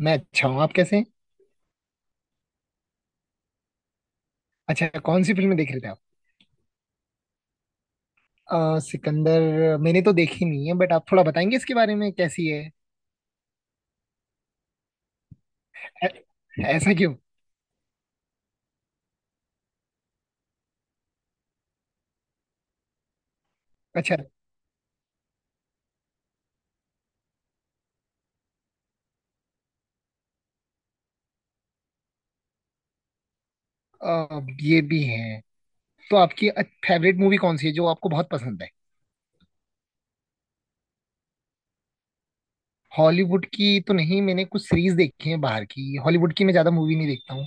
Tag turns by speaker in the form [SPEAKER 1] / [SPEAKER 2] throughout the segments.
[SPEAKER 1] मैं अच्छा हूँ। आप कैसे हैं? अच्छा, कौन सी फिल्में देख रहे थे आप? सिकंदर मैंने तो देखी नहीं है बट आप थोड़ा बताएंगे इसके बारे में कैसी है? ऐ- ऐसा क्यों? अच्छा। ये भी है। तो आपकी फेवरेट मूवी कौन सी है जो आपको बहुत पसंद है? हॉलीवुड की तो नहीं, मैंने कुछ सीरीज देखी है बाहर की, हॉलीवुड की मैं ज्यादा मूवी नहीं देखता हूँ।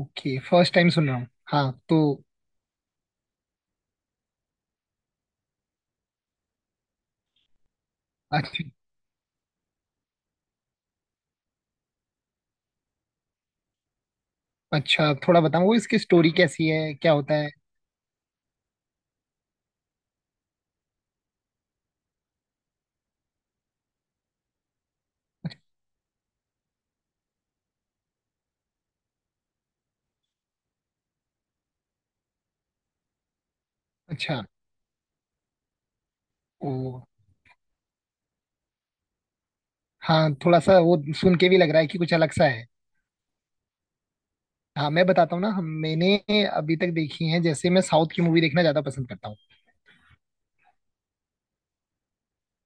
[SPEAKER 1] ओके, फर्स्ट टाइम सुन रहा हूँ। हाँ तो अच्छा, अच्छा थोड़ा बताओ इसकी स्टोरी कैसी है, क्या होता है? अच्छा। ओ। हाँ, थोड़ा सा वो सुन के भी लग रहा है कि कुछ अलग सा है। हाँ मैं बताता हूँ ना, हम मैंने अभी तक देखी हैं। जैसे, मैं साउथ की मूवी देखना ज्यादा पसंद करता हूँ।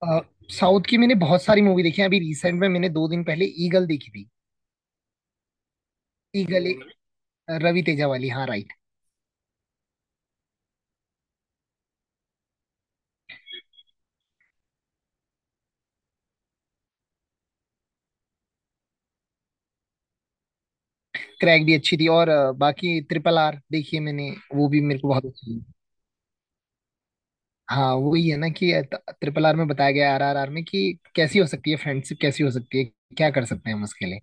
[SPEAKER 1] अ, साउथ की मैंने बहुत सारी मूवी देखी है, अभी रिसेंट में मैंने दो दिन पहले ईगल देखी थी। ईगल एक रवि तेजा वाली, हाँ राइट। क्रैक भी अच्छी थी, और बाकी ट्रिपल आर देखी है मैंने। वो भी मेरे को बहुत अच्छी लगी। हाँ वही है ना, कि ट्रिपल आर में बताया गया, आर आर आर में, कि कैसी हो सकती है फ्रेंडशिप, कैसी हो सकती है, क्या कर सकते हैं हम उसके लिए।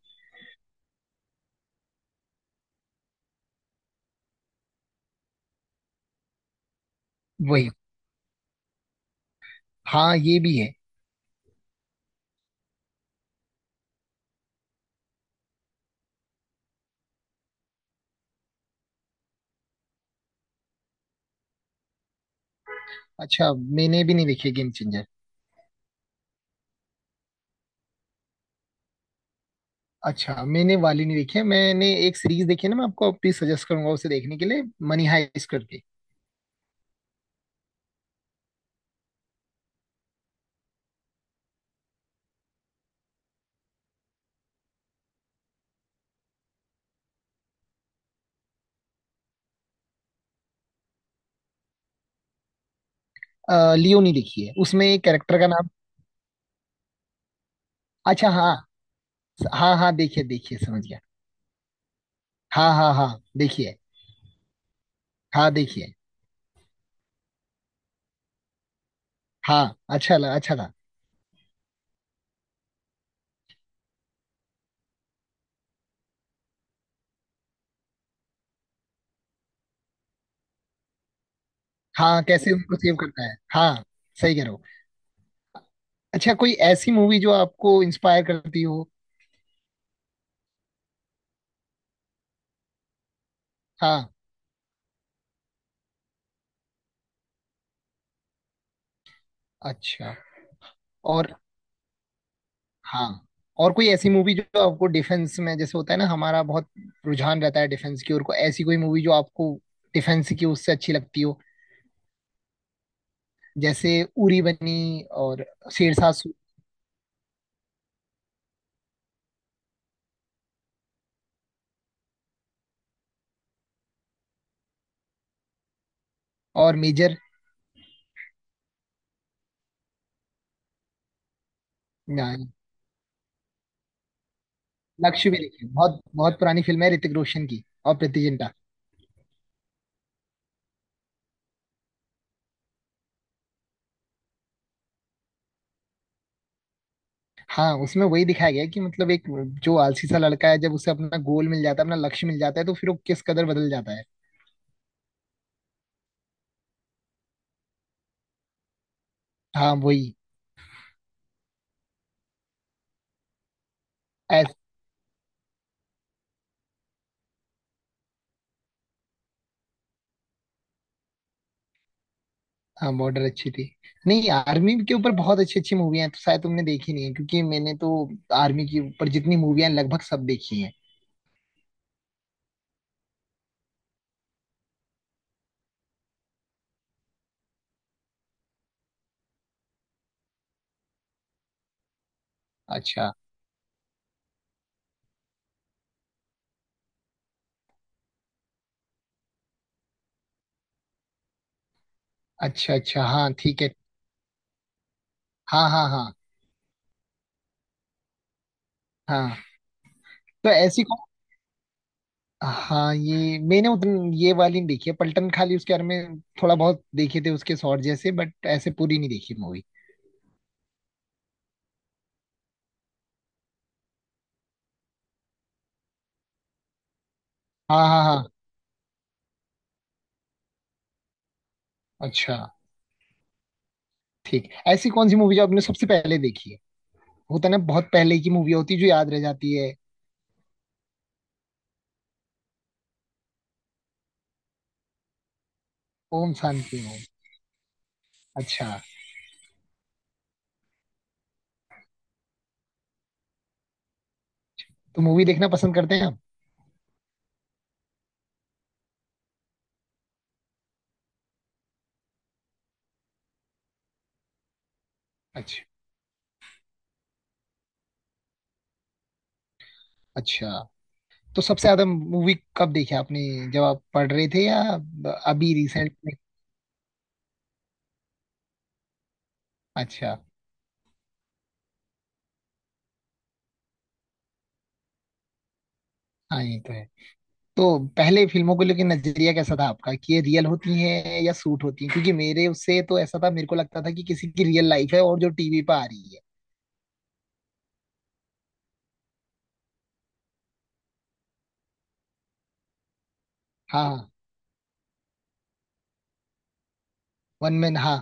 [SPEAKER 1] वही। हाँ ये भी है। अच्छा। मैंने भी नहीं देखी गेम चेंजर। अच्छा, मैंने वाली नहीं देखी है, मैंने एक सीरीज देखी है ना, मैं आपको प्लीज सजेस्ट करूंगा उसे देखने के लिए, मनी हाइस्ट करके। लियो नहीं देखी है, उसमें एक कैरेक्टर का नाम। अच्छा हाँ हाँ हाँ, देखिए देखिए, समझ गया। हाँ हाँ हाँ। देखिए। हाँ देखिए। हाँ, अच्छा लगा, अच्छा था। हाँ कैसे उनको सेव करता है, हाँ। सही कह रहे हो। अच्छा, कोई ऐसी मूवी जो आपको इंस्पायर करती हो? हाँ। अच्छा। और। हाँ। और कोई ऐसी मूवी जो आपको डिफेंस में, जैसे होता है ना, हमारा बहुत रुझान रहता है डिफेंस की ओर को, ऐसी कोई मूवी जो आपको डिफेंस की उससे अच्छी लगती हो? जैसे उरी बनी और शेरशाह और मेजर। न- लक्ष्य भी देखी, बहुत बहुत पुरानी फिल्म है, ऋतिक रोशन की और प्रीति जिंटा। हाँ, उसमें वही दिखाया गया है कि मतलब एक जो आलसी सा लड़का है, जब उसे अपना गोल मिल जाता है, अपना लक्ष्य मिल जाता है, तो फिर वो किस कदर बदल जाता है। हाँ वही। हाँ बॉर्डर अच्छी थी। नहीं, आर्मी के ऊपर बहुत अच्छी अच्छी मूवी हैं, तो शायद तुमने देखी नहीं है, क्योंकि मैंने तो आर्मी के ऊपर जितनी मूवियां हैं लगभग सब देखी हैं। अच्छा अच्छा। अच्छा हाँ ठीक है। हाँ हाँ हाँ। हाँ, तो ऐसी कौन। हाँ, ये मैंने उतन ये वाली नहीं देखी है, पलटन। खाली उसके बारे में थोड़ा बहुत देखे थे, उसके शॉर्ट जैसे, बट ऐसे पूरी नहीं देखी मूवी। हाँ हाँ हाँ। अच्छा, ठीक। ऐसी कौन सी मूवी जो आपने सबसे पहले देखी है? होता है ना, बहुत पहले की मूवी होती है जो याद रह जाती है। ओम शांति ओम। अच्छा। तो मूवी देखना पसंद करते हैं आप? अच्छा। अच्छा, तो सबसे ज्यादा मूवी कब देखी आपने, जब आप पढ़ रहे थे या अभी रिसेंट में? अच्छा। हाँ ये तो है। तो पहले फिल्मों को लेकर नजरिया कैसा था आपका, कि ये रियल होती हैं या सूट होती हैं? क्योंकि मेरे उससे तो ऐसा था, मेरे को लगता था कि किसी की रियल लाइफ है और जो टीवी पर आ रही है। हाँ। वन मैन, हाँ।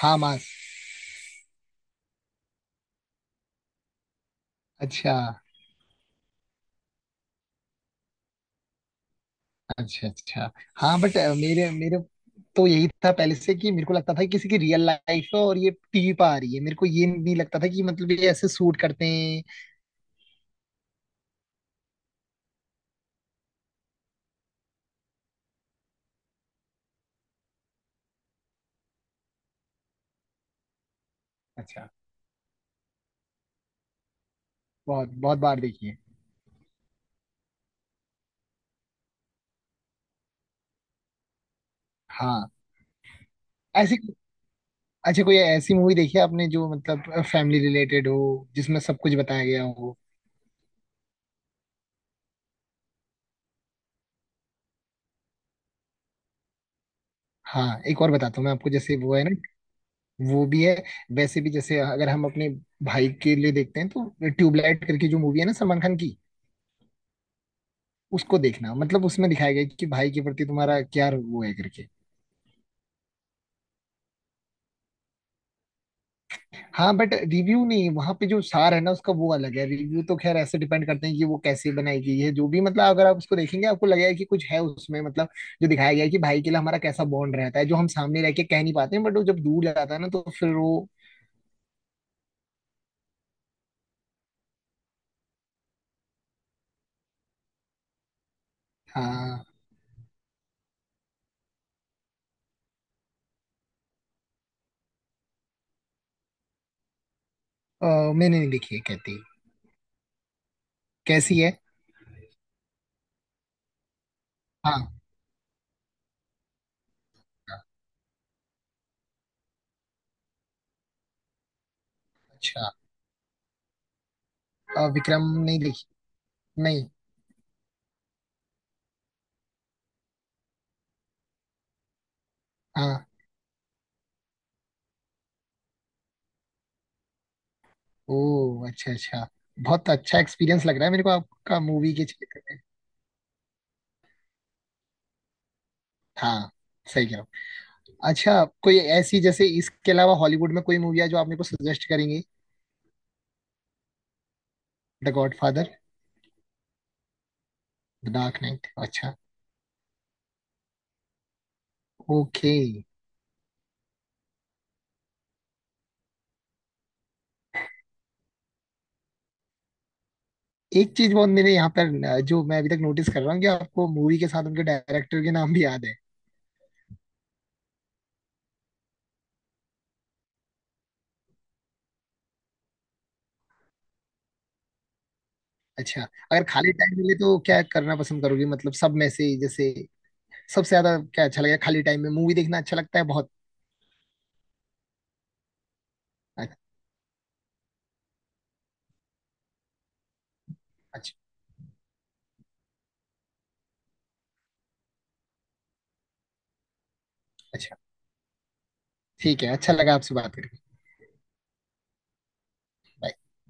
[SPEAKER 1] हाँ, मास। अच्छा अच्छा। अच्छा हाँ बट मेरे मेरे तो यही था पहले से, कि मेरे को लगता था कि किसी की रियल लाइफ है और ये टीवी पर आ रही है, मेरे को ये नहीं लगता था कि मतलब ये ऐसे सूट करते हैं। अच्छा। बहुत बहुत बार देखी है। हाँ। ऐसी। अच्छा, कोई ऐसी मूवी देखी है आपने जो मतलब फैमिली रिलेटेड हो, जिसमें सब कुछ बताया गया हो? हाँ एक और बताता हूँ मैं आपको, जैसे वो है ना। वो भी है। वैसे भी, जैसे अगर हम अपने भाई के लिए देखते हैं, तो ट्यूबलाइट करके जो मूवी है ना, सलमान खान की, उसको देखना। मतलब उसमें दिखाया गया है कि भाई के प्रति तुम्हारा क्या वो है करके। हाँ बट रिव्यू नहीं, वहां पे जो सार है ना उसका, वो अलग है। रिव्यू तो खैर ऐसे डिपेंड करते हैं कि वो कैसे बनाई गई है, जो भी। मतलब अगर आप उसको देखेंगे, आपको लगेगा कि कुछ है उसमें, मतलब जो दिखाया गया है कि भाई के लिए हमारा कैसा बॉन्ड रहता है, जो हम सामने रह के कह नहीं पाते हैं, बट वो जब दूर जाता है ना तो फिर वो। हाँ। अ, मैंने नहीं देखी है कहती। कैसी है? हाँ। अच्छा। विक्रम नहीं देखी। नहीं। हाँ। ओह अच्छा अच्छा। बहुत अच्छा एक्सपीरियंस लग रहा है मेरे को आपका मूवी के क्षेत्र में। हाँ। सही कह रहा हूँ। अच्छा, कोई ऐसी, जैसे इसके अलावा हॉलीवुड में कोई मूवी है जो आप मेरे को सजेस्ट करेंगे? The Godfather. The Dark Knight, अच्छा। ओके। एक चीज बहुत मेरे यहाँ पर जो मैं अभी तक नोटिस कर रहा हूँ, कि आपको मूवी के साथ उनके डायरेक्टर के नाम भी याद है। अच्छा। अगर खाली टाइम मिले तो क्या करना पसंद करोगे, मतलब सब में से जैसे सबसे ज्यादा क्या अच्छा लगेगा? खाली टाइम में मूवी देखना अच्छा लगता है बहुत। अच्छा। अच्छा। अच्छा। ठीक है, अच्छा लगा आपसे बात करके। Bye.